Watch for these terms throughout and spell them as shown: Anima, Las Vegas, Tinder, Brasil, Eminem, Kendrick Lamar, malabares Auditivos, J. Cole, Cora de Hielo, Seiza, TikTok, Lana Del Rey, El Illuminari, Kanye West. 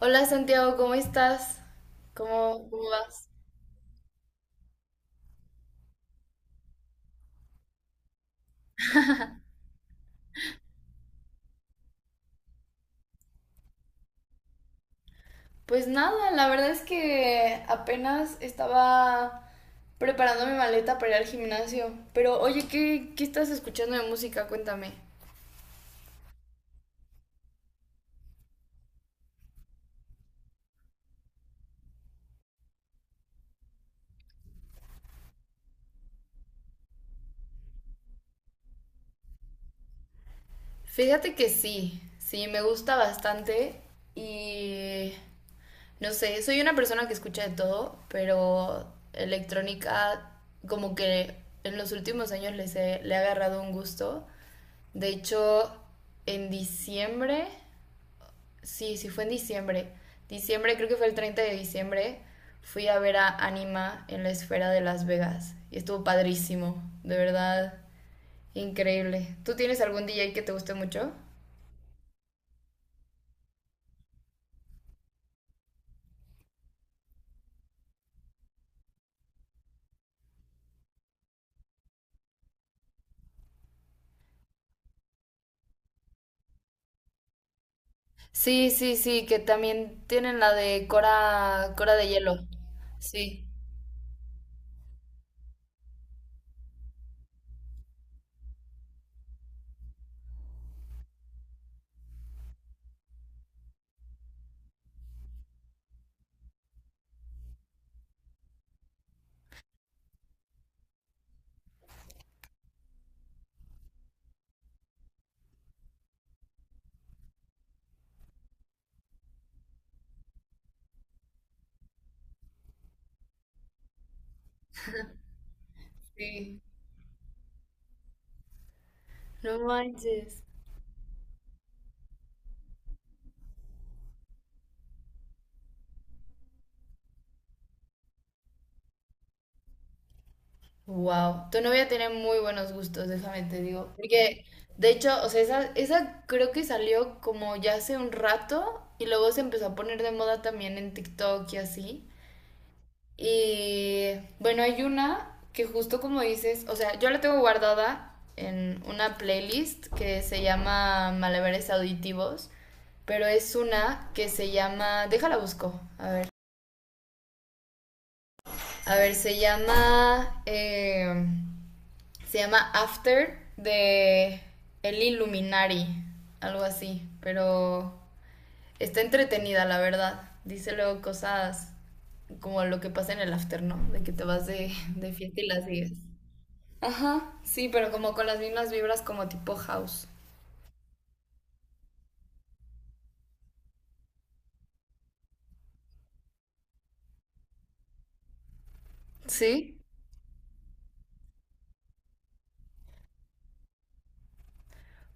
Hola Santiago, ¿cómo estás? ¿Cómo vas? Pues nada, la verdad es que apenas estaba preparando mi maleta para ir al gimnasio. Pero oye, ¿qué estás escuchando de música? Cuéntame. Fíjate que sí, sí, me gusta bastante y no sé, soy una persona que escucha de todo, pero electrónica como que en los últimos años le he agarrado un gusto. De hecho, en diciembre. Sí, sí, fue en diciembre. Diciembre, creo que fue el 30 de diciembre. Fui a ver a Anima en la esfera de Las Vegas. Y estuvo padrísimo, de verdad, increíble. ¿Tú tienes algún DJ que te guste mucho? Sí, sí, sí, que también tienen la de Cora de Hielo. Sí, sí. No manches. Wow, tu novia tiene muy buenos gustos, déjame te digo. Porque, de hecho, o sea, esa creo que salió como ya hace un rato y luego se empezó a poner de moda también en TikTok y así. Y bueno, hay una que justo como dices, o sea, yo la tengo guardada en una playlist que se llama Malabares Auditivos, pero es una que se llama, déjala busco, a ver. A ver, se llama After de El Illuminari, algo así, pero está entretenida, la verdad. Dice luego cosas como lo que pasa en el After, ¿no? De que te vas de fiesta y las sigues. Ajá, sí, pero como con las mismas vibras como tipo house. ¿Sí?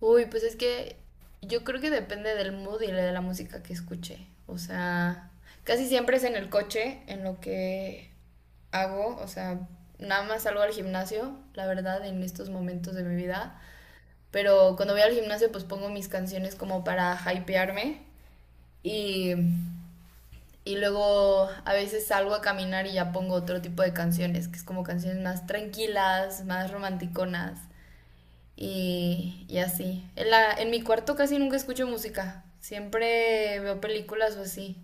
Uy, pues es que yo creo que depende del mood y de la música que escuche. O sea, casi siempre es en el coche en lo que hago. O sea, nada más salgo al gimnasio, la verdad, en estos momentos de mi vida. Pero cuando voy al gimnasio, pues pongo mis canciones como para hypearme. Y, y luego a veces salgo a caminar y ya pongo otro tipo de canciones, que es como canciones más tranquilas, más romanticonas y así. En mi cuarto casi nunca escucho música. Siempre veo películas o así.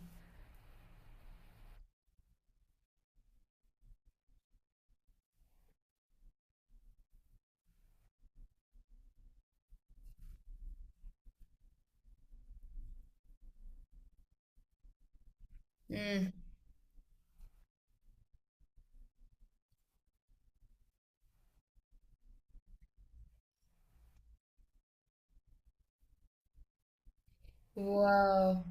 Mm, wow.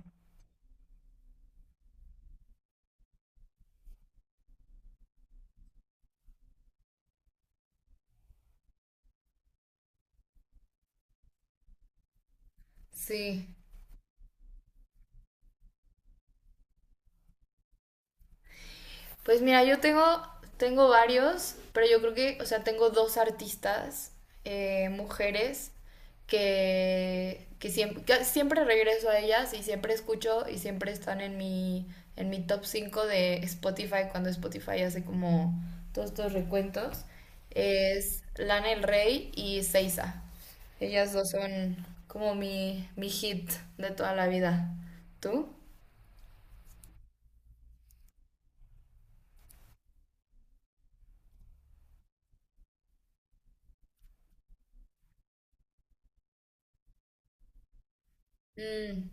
Sí. Pues mira, yo tengo, tengo varios, pero yo creo que, o sea, tengo dos artistas, mujeres, que siempre regreso a ellas y siempre escucho y siempre están en mi, top 5 de Spotify cuando Spotify hace como todos estos recuentos. Es Lana Del Rey y Seiza. Ellas dos son como mi, hit de toda la vida. ¿Tú? Mm,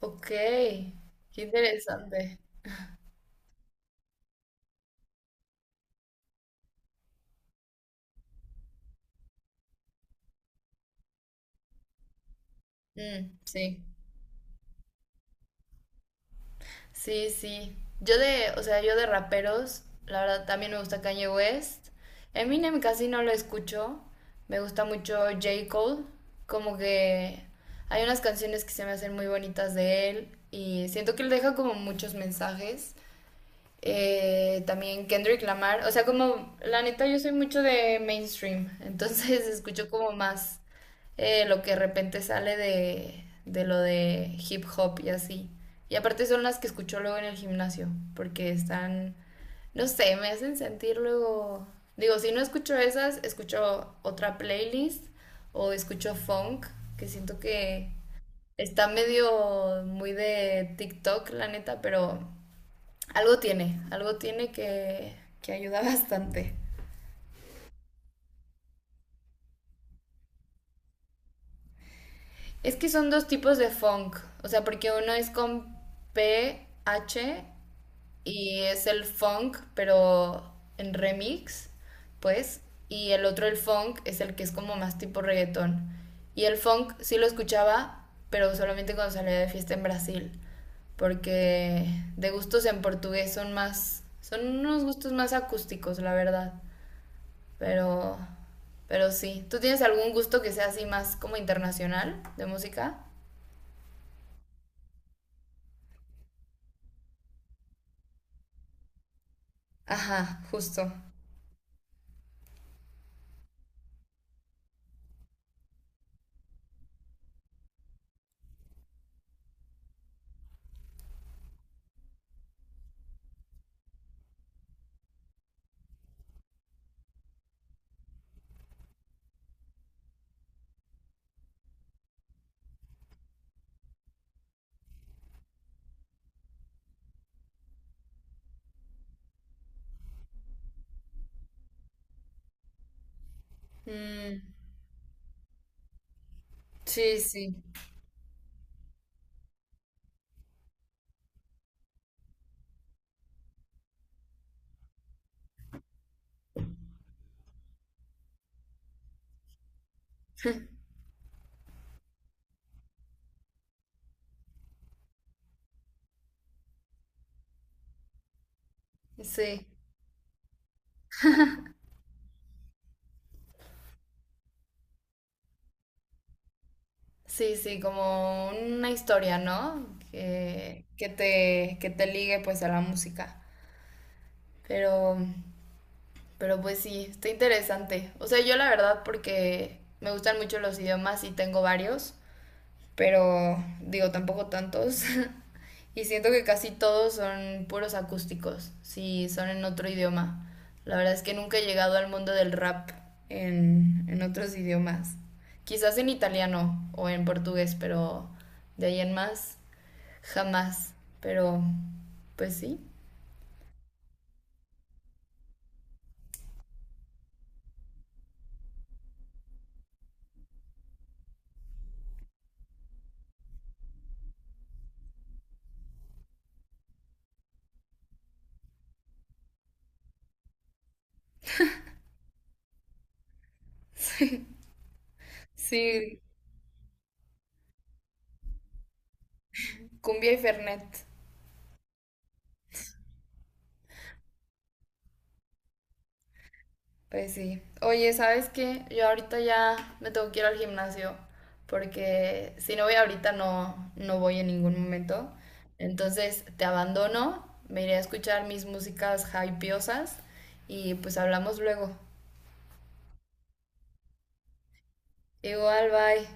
ok, qué interesante. Mm, sí, sí, sí. O sea, yo de raperos, la verdad también me gusta Kanye West. Eminem casi no lo escucho. Me gusta mucho J. Cole. Como que hay unas canciones que se me hacen muy bonitas de él y siento que él deja como muchos mensajes. También Kendrick Lamar. O sea, como la neta yo soy mucho de mainstream, entonces escucho como más lo que de repente sale de lo de hip hop y así. Y aparte son las que escucho luego en el gimnasio, porque están, no sé, me hacen sentir luego. Digo, si no escucho esas, escucho otra playlist o escucho funk, que siento que está medio muy de TikTok, la neta, pero algo tiene que ayuda bastante. Es que son dos tipos de funk, o sea, porque uno es con PH y es el funk, pero en remix, pues, y el otro, el funk, es el que es como más tipo reggaetón. Y el funk sí lo escuchaba, pero solamente cuando salía de fiesta en Brasil, porque de gustos en portugués son más, son unos gustos más acústicos, la verdad. Pero, pero sí. ¿Tú tienes algún gusto que sea así más como internacional de música? Ajá, justo. Mm, sí, sí, sí, sí, sí, como una historia, ¿no? Que te ligue pues a la música. Pero, pero pues sí, está interesante. O sea, yo la verdad porque me gustan mucho los idiomas y tengo varios. Pero digo, tampoco tantos. Y siento que casi todos son puros acústicos, si son en otro idioma. La verdad es que nunca he llegado al mundo del rap en otros idiomas. Quizás en italiano o en portugués, pero de ahí en más, jamás. Pero, pues sí. Sí, cumbia y fernet. Pues sí. Oye, ¿sabes qué? Yo ahorita ya me tengo que ir al gimnasio porque si no voy ahorita no voy en ningún momento. Entonces te abandono, me iré a escuchar mis músicas hypeosas y pues hablamos luego. Igual, bye.